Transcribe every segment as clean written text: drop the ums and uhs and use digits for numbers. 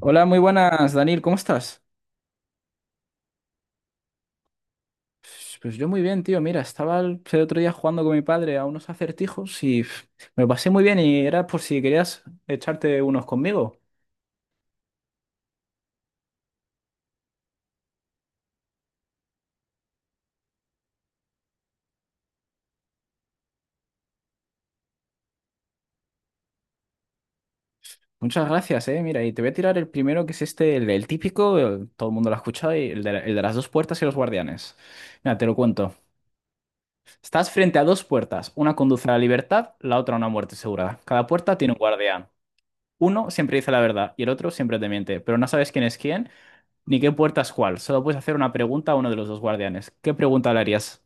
Hola, muy buenas, Daniel, ¿cómo estás? Pues yo muy bien, tío. Mira, estaba el otro día jugando con mi padre a unos acertijos y pf, me lo pasé muy bien y era por si querías echarte unos conmigo. Muchas gracias, eh. Mira, y te voy a tirar el primero que es este, el típico, todo el mundo lo ha escuchado, y el de, el de las dos puertas y los guardianes. Mira, te lo cuento. Estás frente a dos puertas. Una conduce a la libertad, la otra a una muerte segura. Cada puerta tiene un guardián. Uno siempre dice la verdad y el otro siempre te miente, pero no sabes quién es quién ni qué puertas cuál. Solo puedes hacer una pregunta a uno de los dos guardianes. ¿Qué pregunta le harías?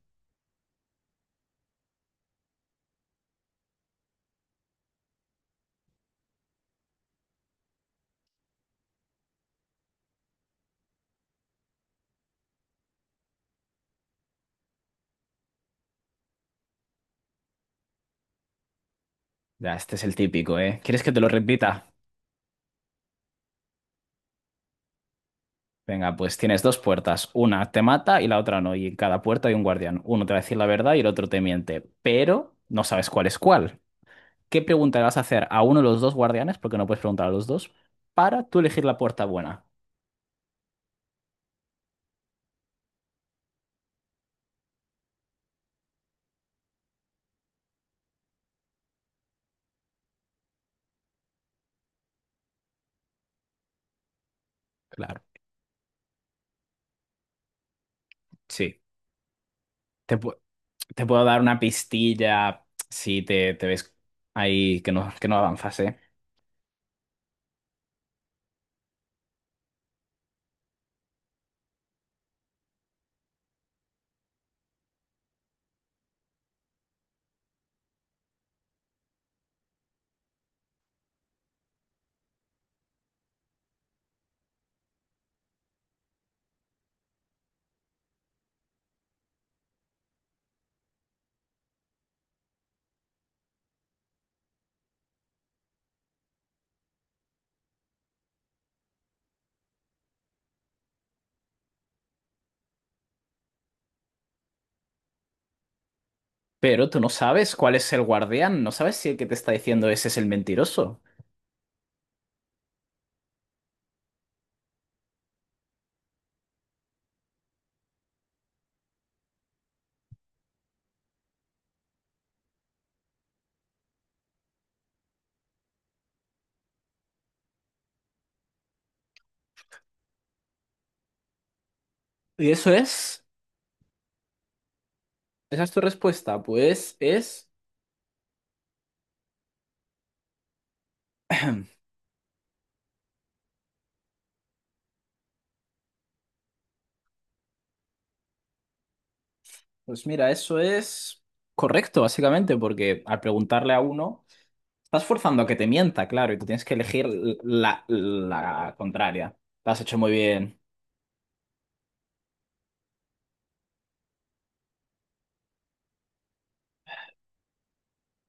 Ya, este es el típico, ¿eh? ¿Quieres que te lo repita? Venga, pues tienes dos puertas. Una te mata y la otra no. Y en cada puerta hay un guardián. Uno te va a decir la verdad y el otro te miente. Pero no sabes cuál es cuál. ¿Qué pregunta le vas a hacer a uno de los dos guardianes? Porque no puedes preguntar a los dos. Para tú elegir la puerta buena. Claro. Sí. Te, pu- Te puedo dar una pistilla si te ves ahí que que no avanzas, ¿eh? Pero tú no sabes cuál es el guardián, no sabes si el que te está diciendo ese es el mentiroso. Y eso es, esa es tu respuesta. Pues mira, eso es correcto, básicamente, porque al preguntarle a uno, estás forzando a que te mienta, claro, y tú tienes que elegir la contraria. Lo has hecho muy bien.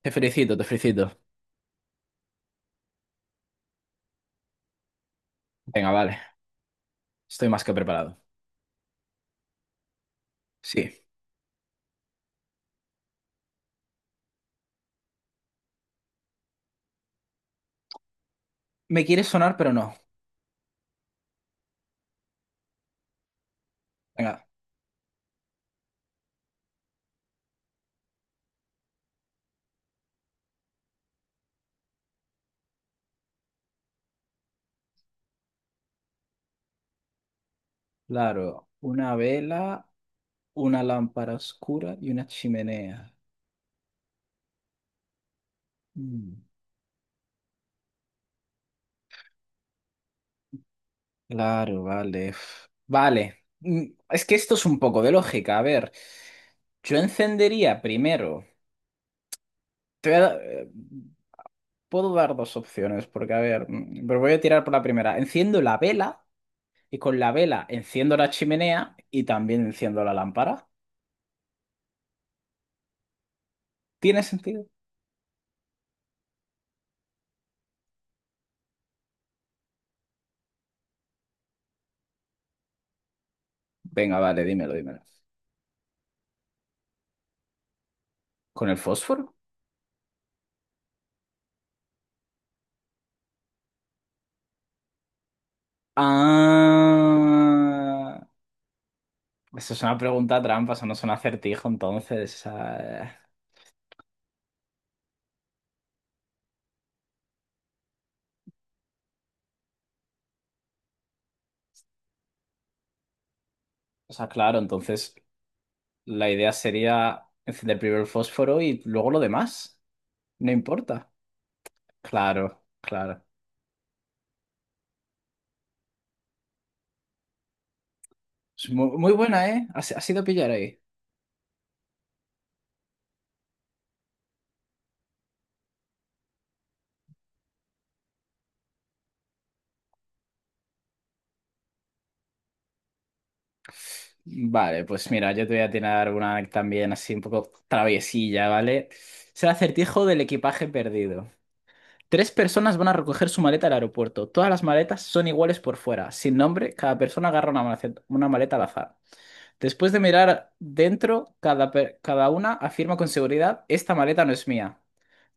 Te felicito, te felicito. Venga, vale, estoy más que preparado. Sí. Me quieres sonar, pero no. Venga, claro, una vela, una lámpara oscura y una chimenea. Mm. Claro, vale. Uf. Vale. Es que esto es un poco de lógica. A ver, yo encendería primero. Te voy a da- Puedo dar dos opciones, porque a ver, pero voy a tirar por la primera. Enciendo la vela y con la vela enciendo la chimenea y también enciendo la lámpara. ¿Tiene sentido? Venga, vale, dímelo, dímelo. ¿Con el fósforo? Ah, eso es una pregunta trampa, eso no es un acertijo, entonces. Ah, o sea, claro, entonces. La idea sería encender primero el fósforo y luego lo demás. No importa. Claro, claro. Es muy buena, ¿eh? Ha has ido pillar ahí. Vale, pues mira, yo te voy a tirar una también así un poco traviesilla, ¿vale? Es el acertijo del equipaje perdido. Tres personas van a recoger su maleta al aeropuerto. Todas las maletas son iguales por fuera. Sin nombre, cada persona agarra una maleta al azar. Después de mirar dentro, cada una afirma con seguridad, esta maleta no es mía.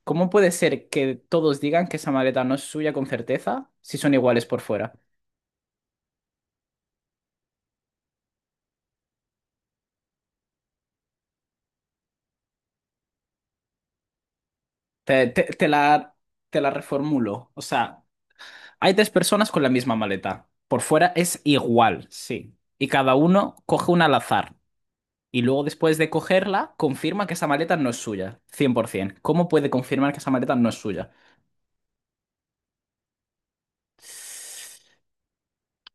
¿Cómo puede ser que todos digan que esa maleta no es suya con certeza si son iguales por fuera? Te, te- te la, te la reformulo. O sea, hay tres personas con la misma maleta. Por fuera es igual, sí. Y cada uno coge una al azar. Y luego después de cogerla, confirma que esa maleta no es suya. 100%. ¿Cómo puede confirmar que esa maleta no es suya?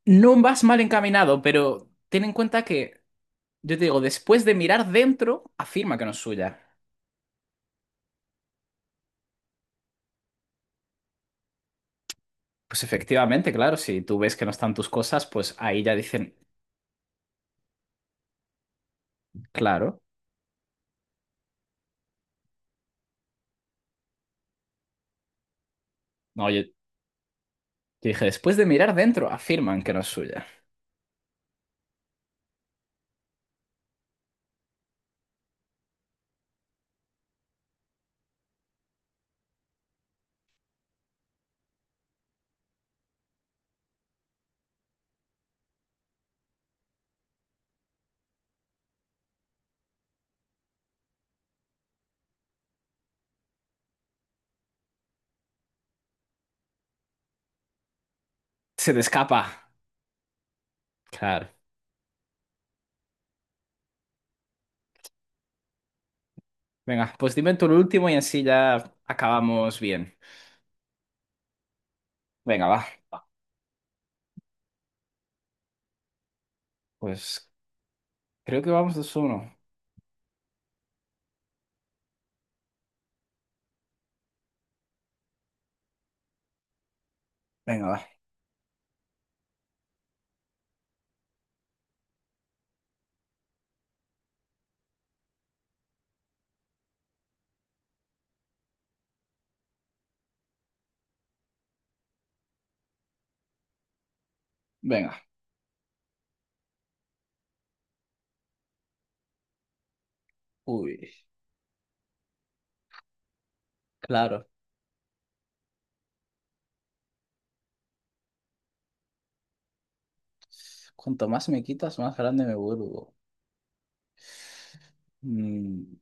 No vas mal encaminado, pero ten en cuenta que, yo te digo, después de mirar dentro, afirma que no es suya. Pues efectivamente, claro, si tú ves que no están tus cosas, pues ahí ya dicen, claro. No, yo dije, después de mirar dentro, afirman que no es suya. Se te escapa. Claro. Venga, pues dime tú el último y así ya acabamos bien. Venga, va. Pues creo que vamos dos uno. Venga, va. Venga. Uy, claro. Cuanto más me quitas, más grande me vuelvo. Mm,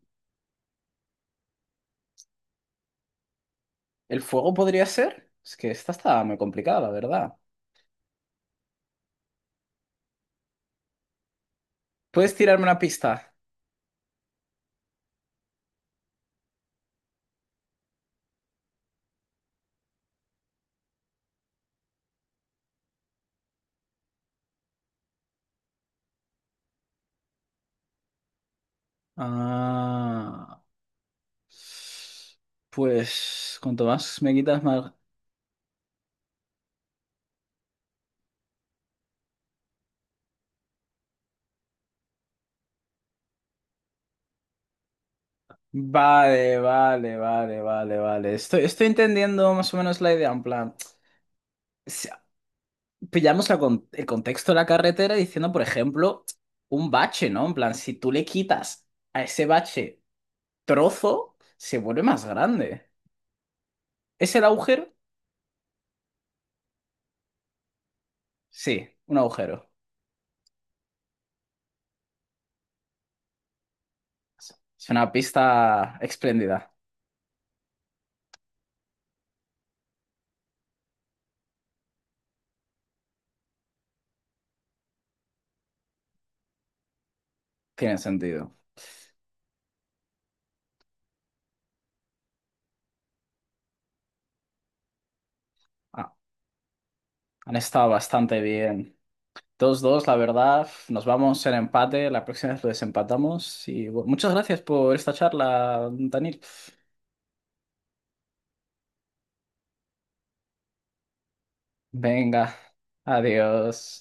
¿el fuego podría ser? Es que esta está muy complicada, la verdad. ¿Puedes tirarme una pista? Ah. Pues cuanto más me quitas, más... Vale, vale, vale, vale, vale. Estoy entendiendo más o menos la idea. En plan, si- pillamos la el contexto de la carretera diciendo, por ejemplo, un bache, ¿no? En plan, si tú le quitas a ese bache trozo, se vuelve más grande. ¿Es el agujero? Sí, un agujero. Es una pista espléndida. Tiene sentido. Ah, han estado bastante bien. Dos dos la verdad. Nos vamos en empate. La próxima vez lo desempatamos. Y bueno, muchas gracias por esta charla, Daniel. Venga, adiós.